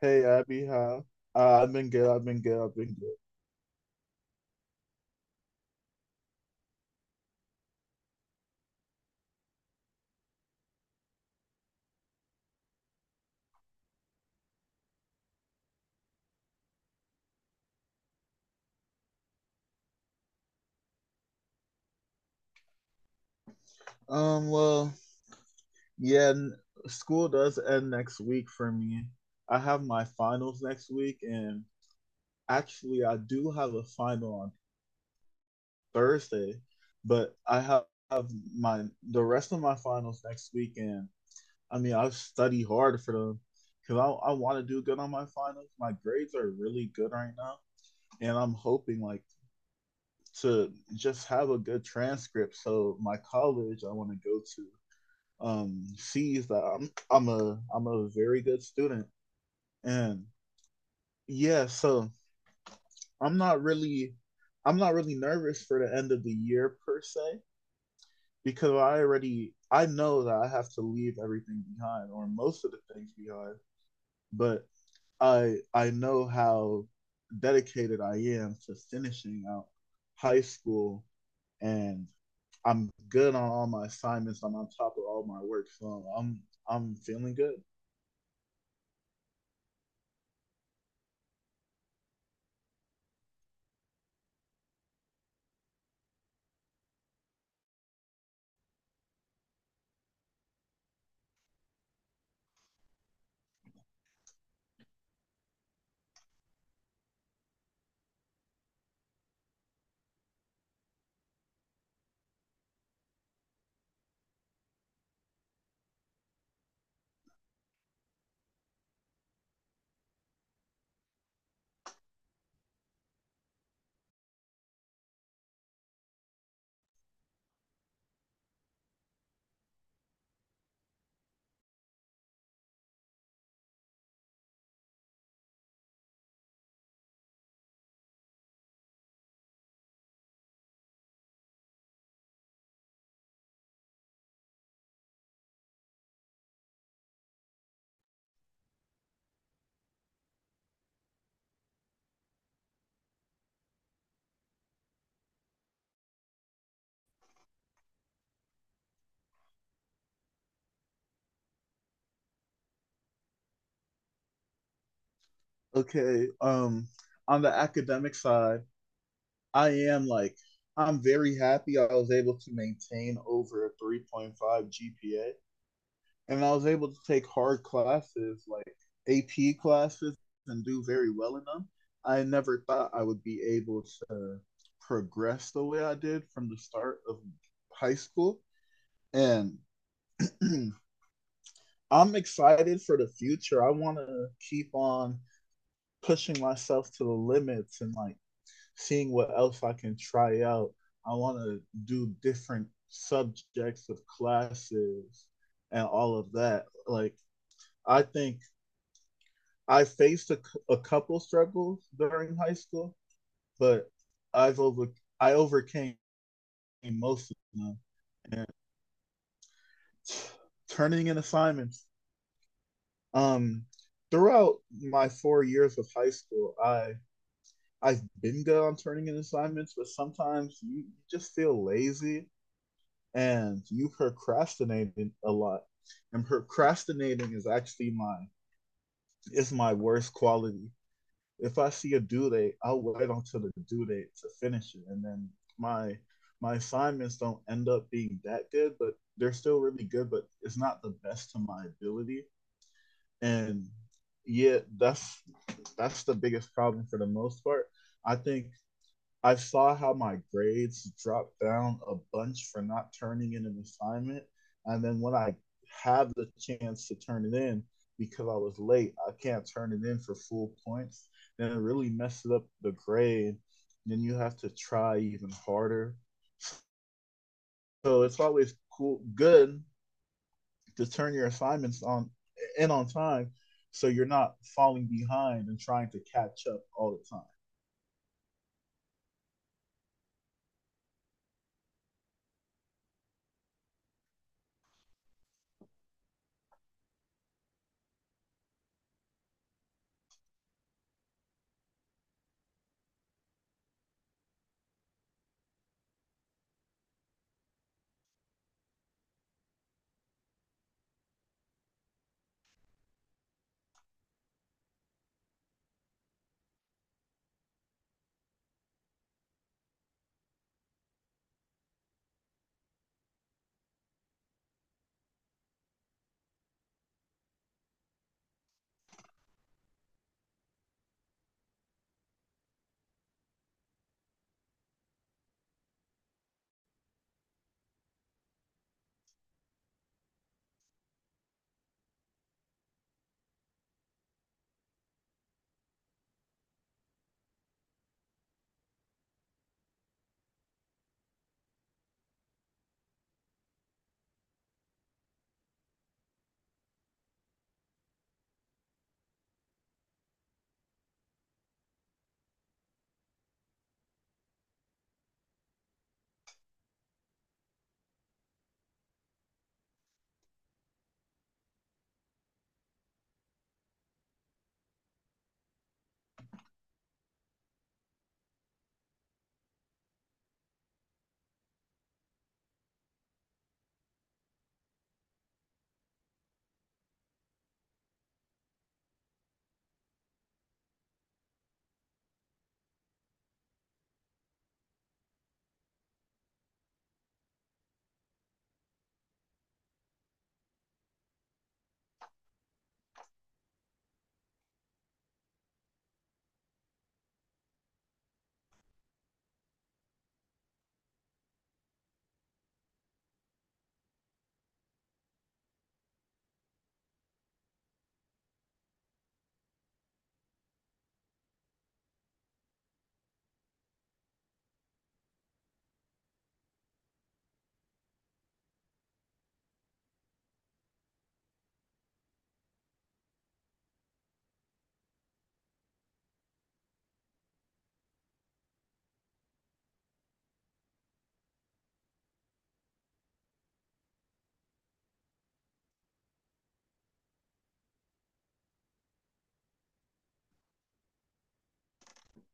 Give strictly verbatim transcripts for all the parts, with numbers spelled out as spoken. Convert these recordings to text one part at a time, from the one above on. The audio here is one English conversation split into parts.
Hey Abby, hi. Uh, I've been good. I've been good. I've been good. Um, well, yeah, n- School does end next week for me. I have my finals next week, and actually, I do have a final on Thursday, but I have, have my the rest of my finals next week, and I mean, I've studied hard for them because I I want to do good on my finals. My grades are really good right now, and I'm hoping like to just have a good transcript so my college I want to go to um sees that I'm I'm a I'm a very good student, and yeah. So I'm not really I'm not really nervous for the end of the year per se, because I already I know that I have to leave everything behind, or most of the things behind, but I I know how dedicated I am to finishing out high school, and I'm good on all my assignments. I'm on top of all my work, so I'm I'm feeling good. Okay. Um, on the academic side, I am like I'm very happy. I was able to maintain over a three point five G P A, and I was able to take hard classes like A P classes and do very well in them. I never thought I would be able to progress the way I did from the start of high school, and I'm excited for the future. I want to keep on pushing myself to the limits, and like seeing what else I can try out. I want to do different subjects of classes and all of that. Like, I think I faced a, a couple struggles during high school, but I've over I overcame most of them. And turning in assignments. Um, Throughout my four years of high school, I I've been good on turning in assignments, but sometimes you just feel lazy and you procrastinating a lot. And procrastinating is actually my is my worst quality. If I see a due date, I'll wait until the due date to finish it. And then my my assignments don't end up being that good, but they're still really good, but it's not the best to my ability. And yeah, that's that's the biggest problem for the most part. I think I saw how my grades dropped down a bunch for not turning in an assignment. And then when I have the chance to turn it in, because I was late, I can't turn it in for full points. Then it really messes up the grade. Then you have to try even harder. So it's always cool, good to turn your assignments on in on time, so you're not falling behind and trying to catch up all the time.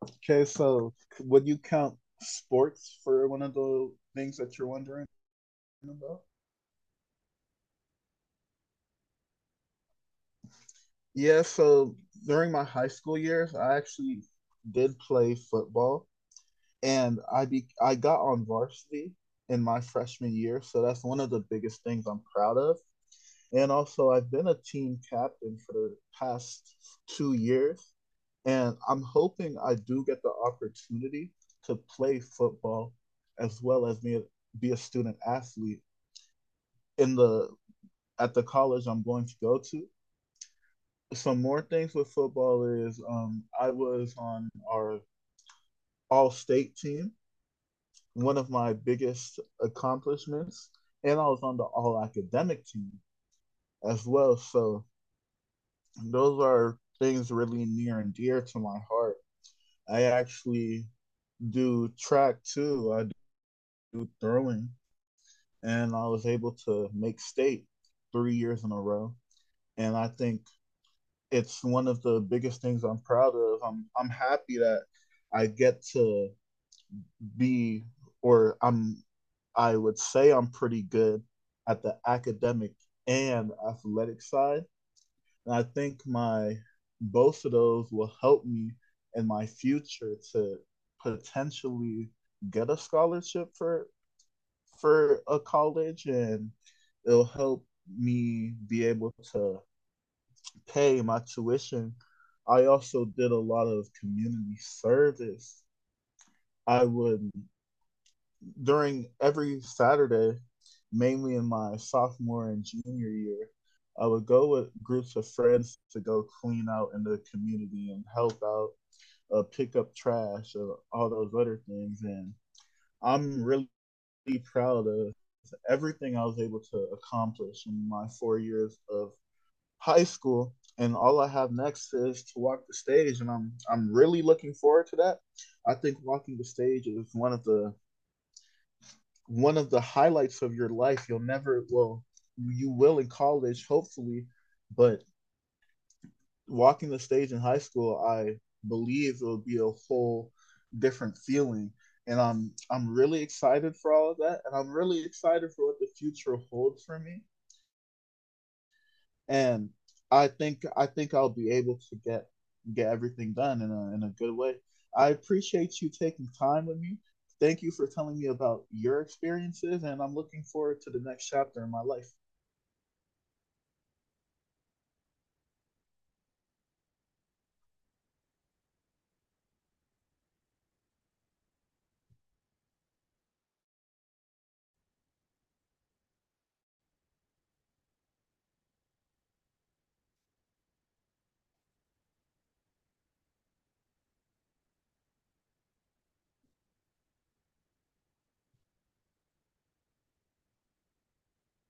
Okay, so would you count sports for one of the things that you're wondering about? Yeah, so during my high school years, I actually did play football, and I be I got on varsity in my freshman year, so that's one of the biggest things I'm proud of. And also, I've been a team captain for the past two years, and I'm hoping I do get the opportunity to play football as well as me be a student athlete in the at the college I'm going to go to. Some more things with football is, um, I was on our all state team, one of my biggest accomplishments, and I was on the all academic team as well. So those are things really near and dear to my heart. I actually do track too. I do throwing, and I was able to make state three years in a row. And I think it's one of the biggest things I'm proud of. I'm I'm happy that I get to be or I'm, I would say, I'm pretty good at the academic and athletic side. And I think my both of those will help me in my future to potentially get a scholarship for for a college, and it'll help me be able to pay my tuition. I also did a lot of community service. I would, During every Saturday, mainly in my sophomore and junior year, I would go with groups of friends to go clean out in the community and help out, uh, pick up trash, uh, all those other things. And I'm really proud of everything I was able to accomplish in my four years of high school, and all I have next is to walk the stage, and I'm I'm really looking forward to that. I think walking the stage is one of the one of the highlights of your life. You'll never, well, you will in college, hopefully, but walking the stage in high school, I believe it'll be a whole different feeling. And I'm I'm really excited for all of that, and I'm really excited for what the future holds for me. And I think I think I'll be able to get get everything done in a in a good way. I appreciate you taking time with me. Thank you for telling me about your experiences, and I'm looking forward to the next chapter in my life.